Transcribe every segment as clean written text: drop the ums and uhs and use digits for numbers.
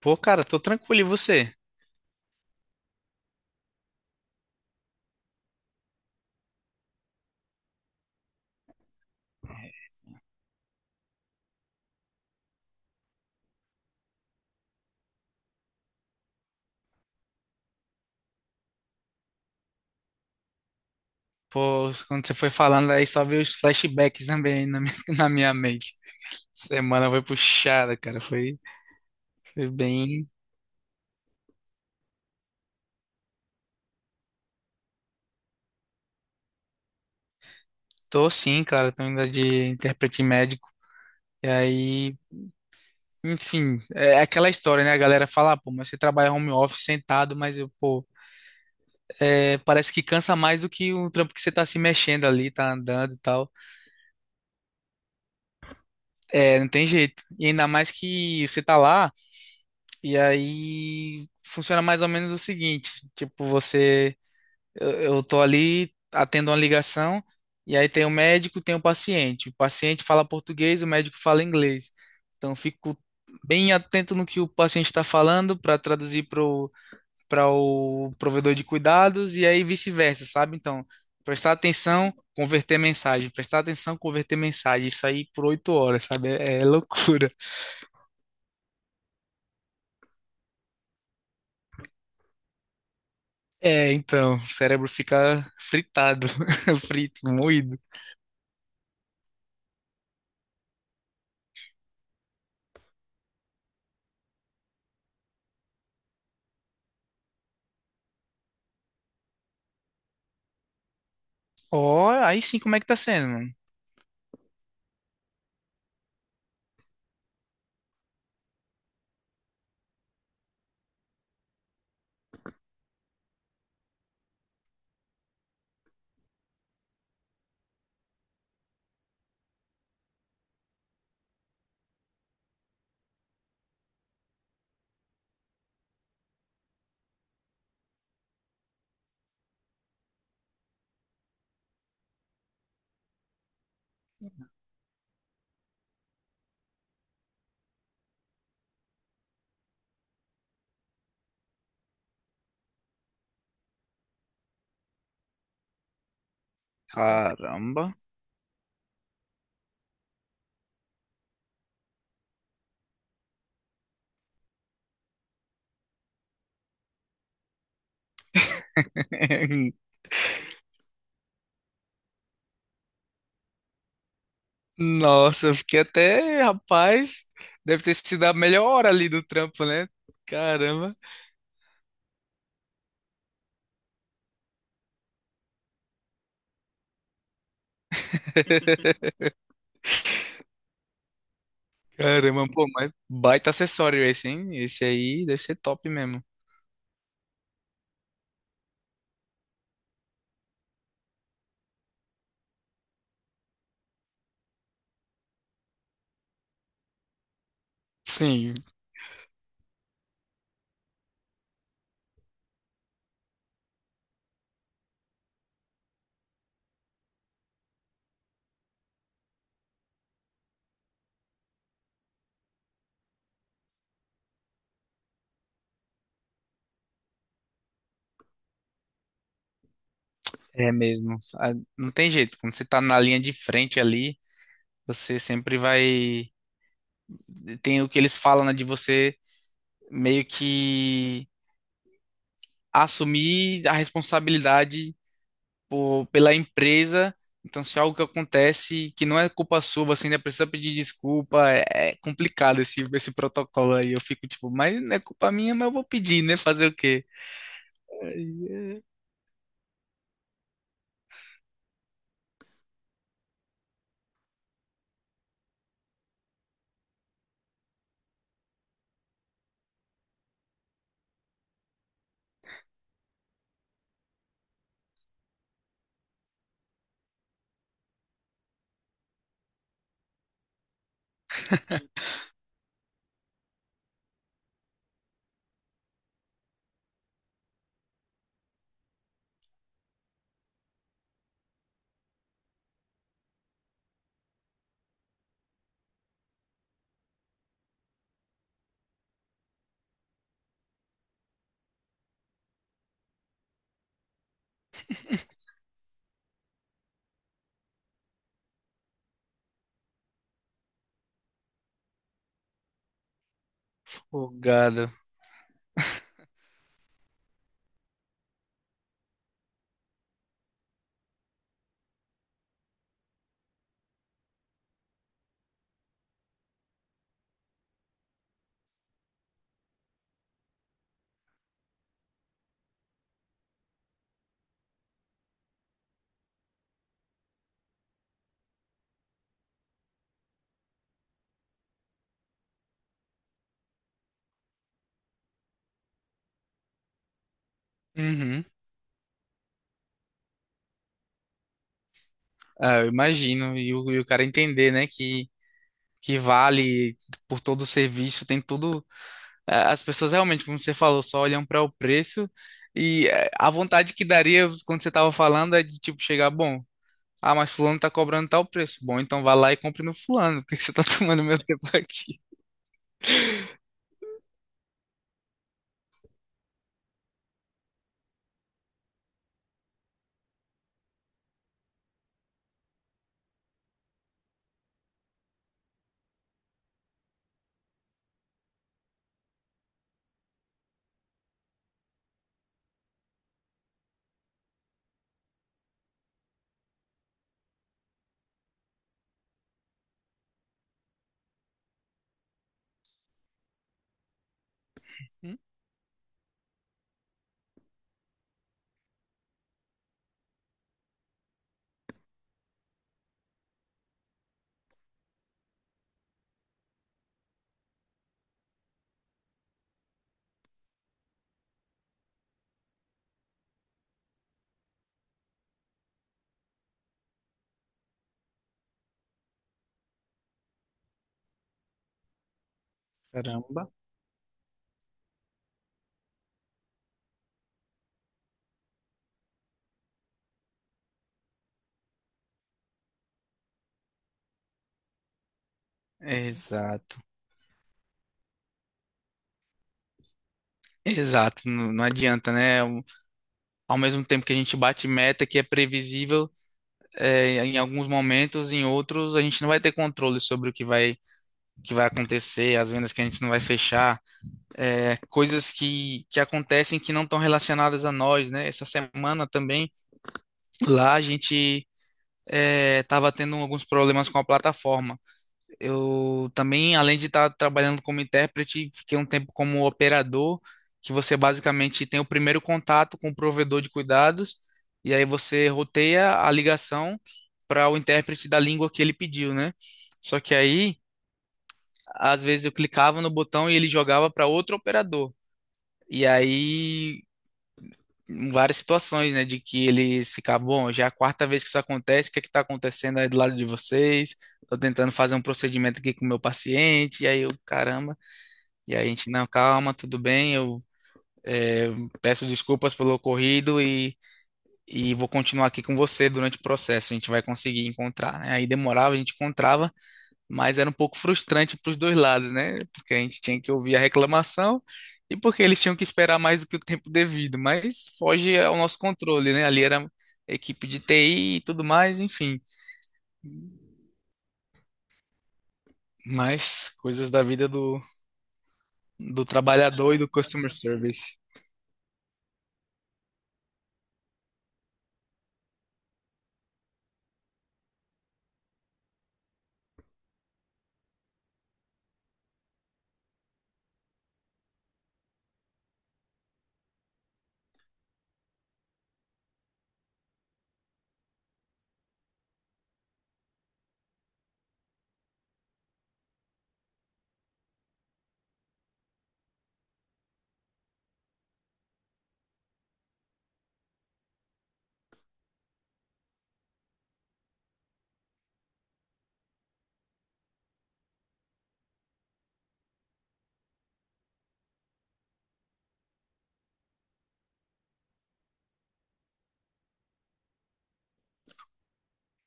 Pô, cara, tô tranquilo, e você? Pô, quando você foi falando aí, só veio os flashbacks também aí na minha, na minha mente. Semana foi puxada, cara, foi bem... Tô sim, cara, tô ainda de intérprete médico. E aí, enfim, é aquela história, né? A galera fala, "Ah, pô, mas você trabalha home office sentado, mas eu, pô, parece que cansa mais do que o trampo que você tá se mexendo ali, tá andando e tal. É, não tem jeito. E ainda mais que você tá lá... E aí funciona mais ou menos o seguinte, tipo, você, eu tô ali, atendo uma ligação, e aí tem o médico, tem o paciente. O paciente fala português, o médico fala inglês. Então, eu fico bem atento no que o paciente está falando para para o provedor de cuidados e aí vice-versa, sabe? Então, prestar atenção, converter mensagem, prestar atenção, converter mensagem. Isso aí por 8 horas, sabe? É loucura. É, então, o cérebro fica fritado, frito, moído. Ó, aí sim, como é que tá sendo, mano? Caramba. Nossa, eu fiquei até, rapaz, deve ter sido a melhor hora ali do trampo, né? Caramba. Caramba, pô, mas baita acessório esse, hein? Esse aí deve ser top mesmo. Sim, é mesmo. Ah, não tem jeito, quando você tá na linha de frente ali, você sempre vai. Tem o que eles falam, né, de você meio que assumir a responsabilidade pela empresa. Então, se algo que acontece que não é culpa sua, você ainda precisa pedir desculpa. É, é complicado esse protocolo aí. Eu fico tipo, mas não é culpa minha, mas eu vou pedir, né? Fazer o quê? Aí é folgado. Uhum. Ah, eu imagino. E o cara entender, né? Que vale por todo o serviço, as pessoas realmente, como você falou, só olham para o preço e a vontade que daria quando você estava falando é de tipo chegar, bom, ah, mas fulano tá cobrando tal preço. Bom, então vá lá e compre no fulano, porque você tá tomando meu tempo aqui. Caramba. Exato, exato, não, não adianta, né? Ao mesmo tempo que a gente bate meta que é previsível, é, em alguns momentos, em outros, a gente não vai ter controle sobre o que vai acontecer, as vendas que a gente não vai fechar. É, coisas que acontecem que não estão relacionadas a nós, né? Essa semana também, lá a gente estava tendo alguns problemas com a plataforma. Eu também, além de estar trabalhando como intérprete, fiquei um tempo como operador, que você basicamente tem o primeiro contato com o provedor de cuidados, e aí você roteia a ligação para o intérprete da língua que ele pediu, né? Só que aí, às vezes eu clicava no botão e ele jogava para outro operador. E aí em várias situações, né? De que eles ficavam, bom, já é a quarta vez que isso acontece, o que é que tá acontecendo aí do lado de vocês? Tô tentando fazer um procedimento aqui com o meu paciente, e aí eu, caramba, e aí a gente, não, calma, tudo bem, é, peço desculpas pelo ocorrido e vou continuar aqui com você durante o processo, a gente vai conseguir encontrar, né? Aí demorava, a gente encontrava mas era um pouco frustrante para os dois lados, né? Porque a gente tinha que ouvir a reclamação e porque eles tinham que esperar mais do que o tempo devido, mas foge ao nosso controle, né? Ali era equipe de TI e tudo mais, enfim. Mas coisas da vida do trabalhador e do customer service,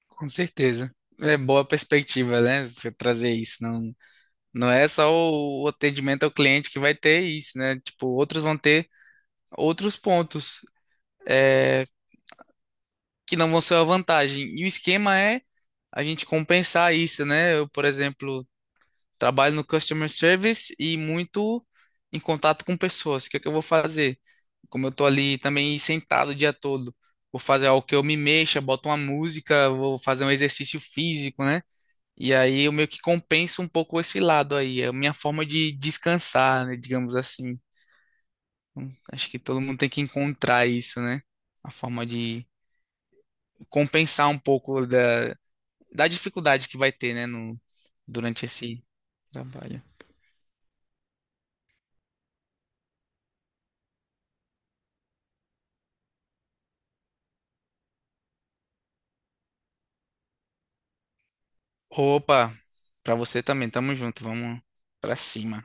com certeza. É boa perspectiva, né? Você trazer isso. Não, não é só o atendimento ao cliente que vai ter isso, né? Tipo, outros vão ter outros pontos. É, que não vão ser uma vantagem. E o esquema é a gente compensar isso, né? Eu, por exemplo, trabalho no customer service e muito em contato com pessoas. O que é que eu vou fazer? Como eu tô ali também sentado o dia todo, vou fazer algo que eu me mexa, boto uma música, vou fazer um exercício físico, né? E aí eu meio que compenso um pouco esse lado aí. É a minha forma de descansar, né? Digamos assim. Acho que todo mundo tem que encontrar isso, né? A forma de compensar um pouco da dificuldade que vai ter, né, no, durante esse trabalho. Opa, pra você também, tamo junto, vamos pra cima.